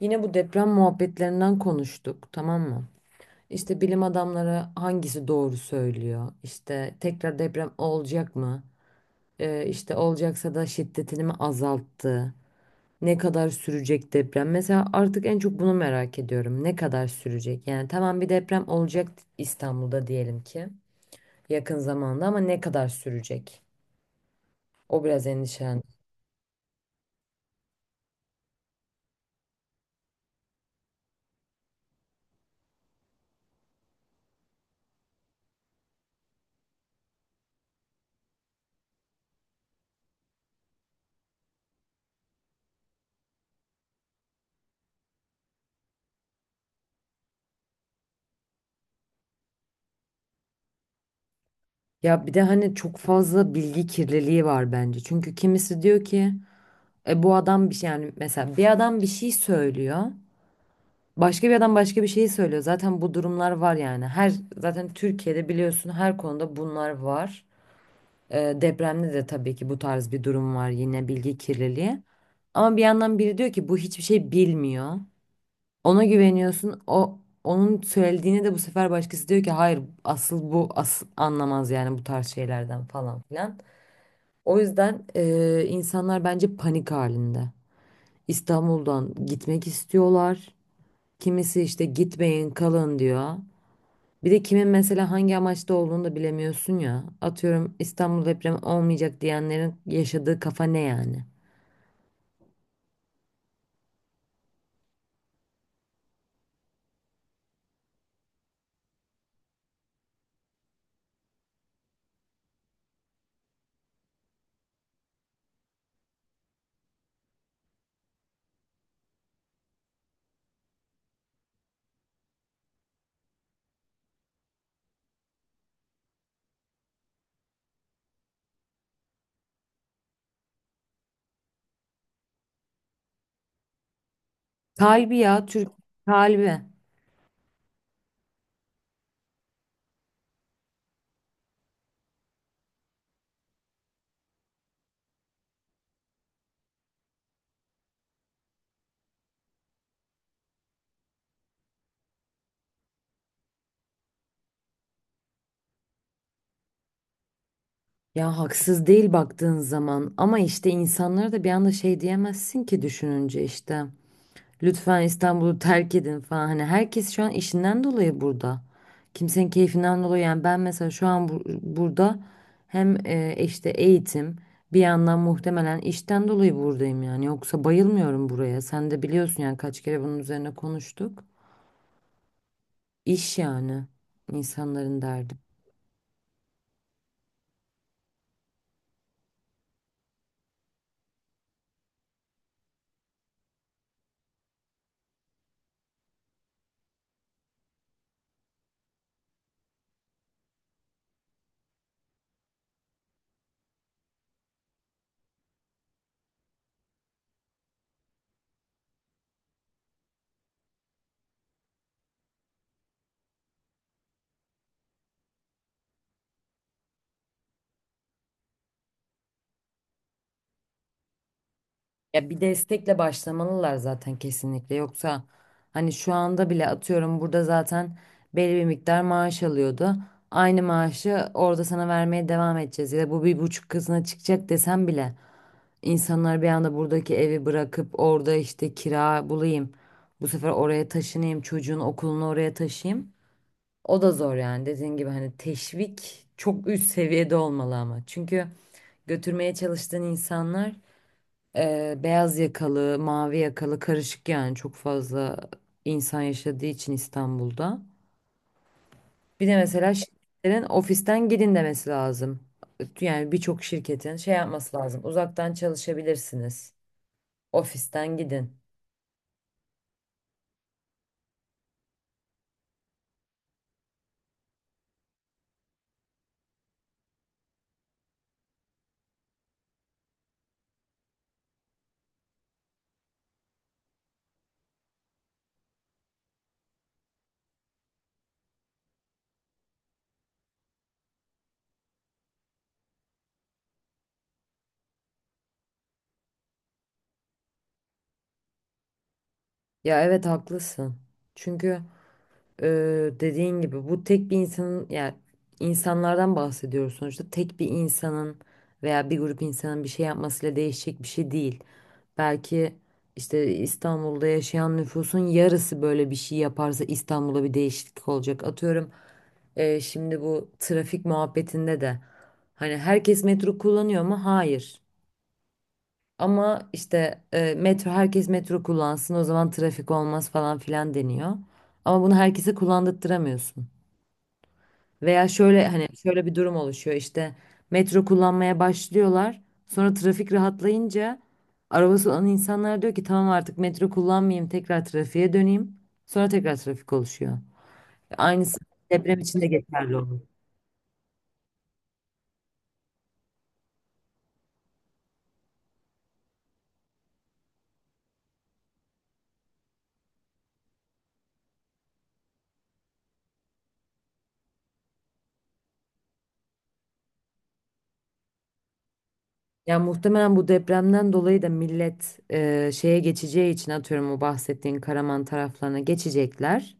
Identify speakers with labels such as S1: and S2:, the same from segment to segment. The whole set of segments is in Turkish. S1: Yine bu deprem muhabbetlerinden konuştuk, tamam mı? İşte bilim adamları hangisi doğru söylüyor? İşte tekrar deprem olacak mı? İşte olacaksa da şiddetini mi azalttı? Ne kadar sürecek deprem? Mesela artık en çok bunu merak ediyorum. Ne kadar sürecek? Yani tamam bir deprem olacak İstanbul'da diyelim ki yakın zamanda ama ne kadar sürecek? O biraz endişelen. Ya bir de hani çok fazla bilgi kirliliği var bence. Çünkü kimisi diyor ki bu adam bir şey yani mesela bir adam bir şey söylüyor. Başka bir adam başka bir şey söylüyor. Zaten bu durumlar var yani. Her zaten Türkiye'de biliyorsun her konuda bunlar var. Depremde de tabii ki bu tarz bir durum var yine bilgi kirliliği. Ama bir yandan biri diyor ki bu hiçbir şey bilmiyor. Ona güveniyorsun. O onun söylediğini de bu sefer başkası diyor ki hayır asıl bu asıl anlamaz yani bu tarz şeylerden falan filan. O yüzden insanlar bence panik halinde. İstanbul'dan gitmek istiyorlar. Kimisi işte gitmeyin kalın diyor. Bir de kimin mesela hangi amaçta olduğunu da bilemiyorsun ya. Atıyorum İstanbul depremi olmayacak diyenlerin yaşadığı kafa ne yani? Kalbi ya Türk kalbi. Ya haksız değil baktığın zaman ama işte insanlara da bir anda şey diyemezsin ki düşününce işte. Lütfen İstanbul'u terk edin falan. Hani herkes şu an işinden dolayı burada. Kimsenin keyfinden dolayı. Yani ben mesela şu an burada hem işte eğitim bir yandan muhtemelen işten dolayı buradayım yani. Yoksa bayılmıyorum buraya. Sen de biliyorsun yani kaç kere bunun üzerine konuştuk. İş yani insanların derdi. Ya bir destekle başlamalılar zaten kesinlikle. Yoksa hani şu anda bile atıyorum burada zaten belli bir miktar maaş alıyordu. Aynı maaşı orada sana vermeye devam edeceğiz. Ya da bu bir buçuk katına çıkacak desem bile insanlar bir anda buradaki evi bırakıp orada işte kira bulayım. Bu sefer oraya taşınayım, çocuğun okulunu oraya taşıyayım. O da zor yani dediğin gibi hani teşvik çok üst seviyede olmalı ama. Çünkü götürmeye çalıştığın insanlar beyaz yakalı, mavi yakalı karışık yani çok fazla insan yaşadığı için İstanbul'da. Bir de mesela şirketlerin ofisten gidin demesi lazım. Yani birçok şirketin şey yapması lazım. Uzaktan çalışabilirsiniz. Ofisten gidin. Ya evet, haklısın. Çünkü e, dediğin gibi bu tek bir insanın yani insanlardan bahsediyoruz sonuçta tek bir insanın veya bir grup insanın bir şey yapmasıyla değişecek bir şey değil. Belki işte İstanbul'da yaşayan nüfusun yarısı böyle bir şey yaparsa İstanbul'a bir değişiklik olacak. Atıyorum şimdi bu trafik muhabbetinde de hani herkes metro kullanıyor mu? Hayır. Ama işte metro herkes metro kullansın o zaman trafik olmaz falan filan deniyor. Ama bunu herkese kullandırtamıyorsun. Veya şöyle hani şöyle bir durum oluşuyor işte metro kullanmaya başlıyorlar. Sonra trafik rahatlayınca arabası olan insanlar diyor ki tamam artık metro kullanmayayım tekrar trafiğe döneyim. Sonra tekrar trafik oluşuyor. Aynısı deprem için de geçerli olur. Ya muhtemelen bu depremden dolayı da millet şeye geçeceği için atıyorum o bahsettiğin Karaman taraflarına geçecekler.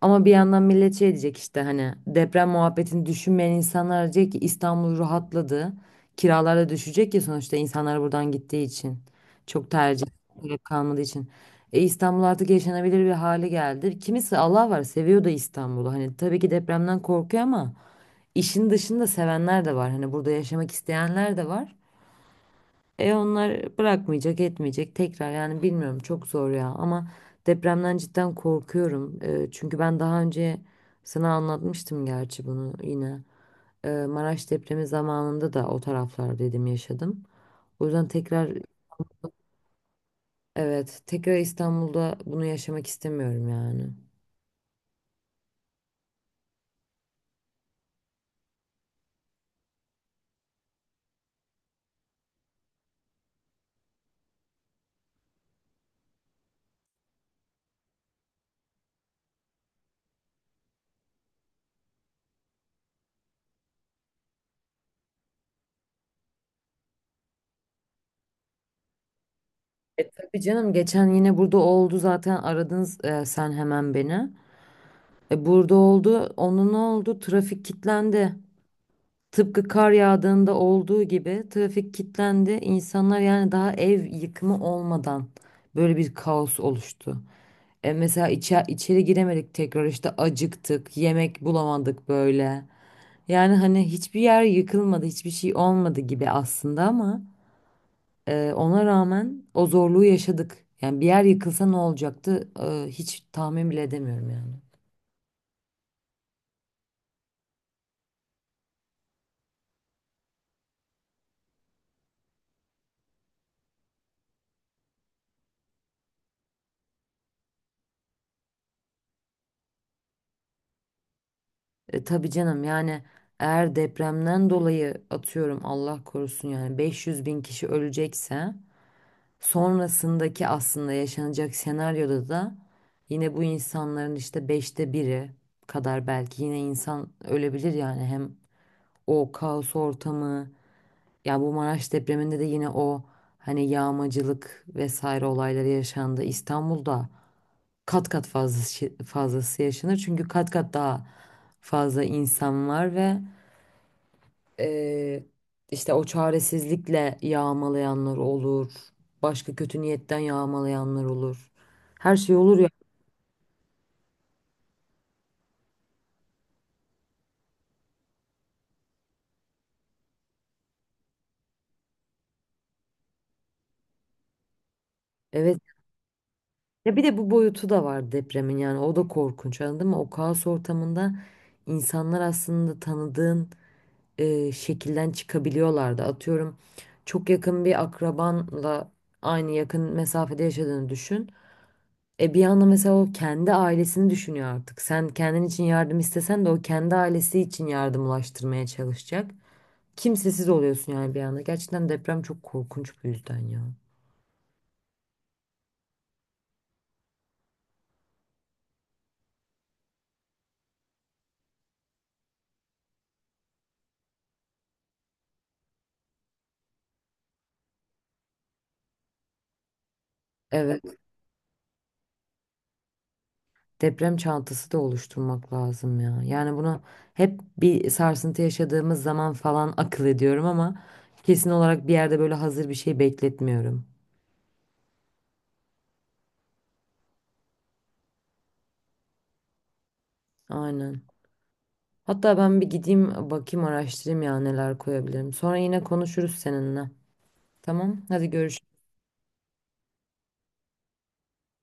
S1: Ama bir yandan millet şey diyecek işte hani deprem muhabbetini düşünmeyen insanlar diyecek ki İstanbul rahatladı. Kiralar da düşecek ya sonuçta insanlar buradan gittiği için. Çok tercih gerek kalmadığı için. İstanbul artık yaşanabilir bir hale geldi. Kimisi Allah var seviyor da İstanbul'u. Hani tabii ki depremden korkuyor ama işin dışında sevenler de var. Hani burada yaşamak isteyenler de var. Onlar bırakmayacak, etmeyecek tekrar yani bilmiyorum çok zor ya ama depremden cidden korkuyorum. Çünkü ben daha önce sana anlatmıştım gerçi bunu yine. Maraş depremi zamanında da o taraflar dedim yaşadım. O yüzden tekrar evet, tekrar İstanbul'da bunu yaşamak istemiyorum yani. Tabii canım, geçen yine burada oldu zaten, aradınız sen hemen beni. Burada oldu. Onun ne oldu? Trafik kilitlendi. Tıpkı kar yağdığında olduğu gibi trafik kilitlendi. İnsanlar yani daha ev yıkımı olmadan böyle bir kaos oluştu. Mesela içeri giremedik tekrar işte, acıktık, yemek bulamadık böyle. Yani hani hiçbir yer yıkılmadı, hiçbir şey olmadı gibi aslında ama ona rağmen o zorluğu yaşadık. Yani bir yer yıkılsa ne olacaktı? Hiç tahmin bile edemiyorum yani. Tabii canım, yani eğer depremden dolayı atıyorum Allah korusun yani 500 bin kişi ölecekse sonrasındaki aslında yaşanacak senaryoda da yine bu insanların işte beşte biri kadar belki yine insan ölebilir yani hem o kaos ortamı ya bu Maraş depreminde de yine o hani yağmacılık vesaire olayları yaşandı İstanbul'da kat kat fazlası yaşanır çünkü kat kat daha fazla insan var ve ee, işte o çaresizlikle yağmalayanlar olur. Başka kötü niyetten yağmalayanlar olur. Her şey olur ya. Evet. Ya bir de bu boyutu da var depremin yani o da korkunç, anladın mı? O kaos ortamında insanlar aslında tanıdığın şekilden çıkabiliyorlardı. Atıyorum çok yakın bir akrabanla aynı yakın mesafede yaşadığını düşün. Bir anda mesela o kendi ailesini düşünüyor artık. Sen kendin için yardım istesen de o kendi ailesi için yardım ulaştırmaya çalışacak. Kimsesiz oluyorsun yani bir anda. Gerçekten deprem çok korkunç bu yüzden ya. Evet, deprem çantası da oluşturmak lazım ya. Yani bunu hep bir sarsıntı yaşadığımız zaman falan akıl ediyorum ama kesin olarak bir yerde böyle hazır bir şey bekletmiyorum. Aynen. Hatta ben bir gideyim bakayım araştırayım ya, neler koyabilirim. Sonra yine konuşuruz seninle. Tamam, hadi görüşürüz.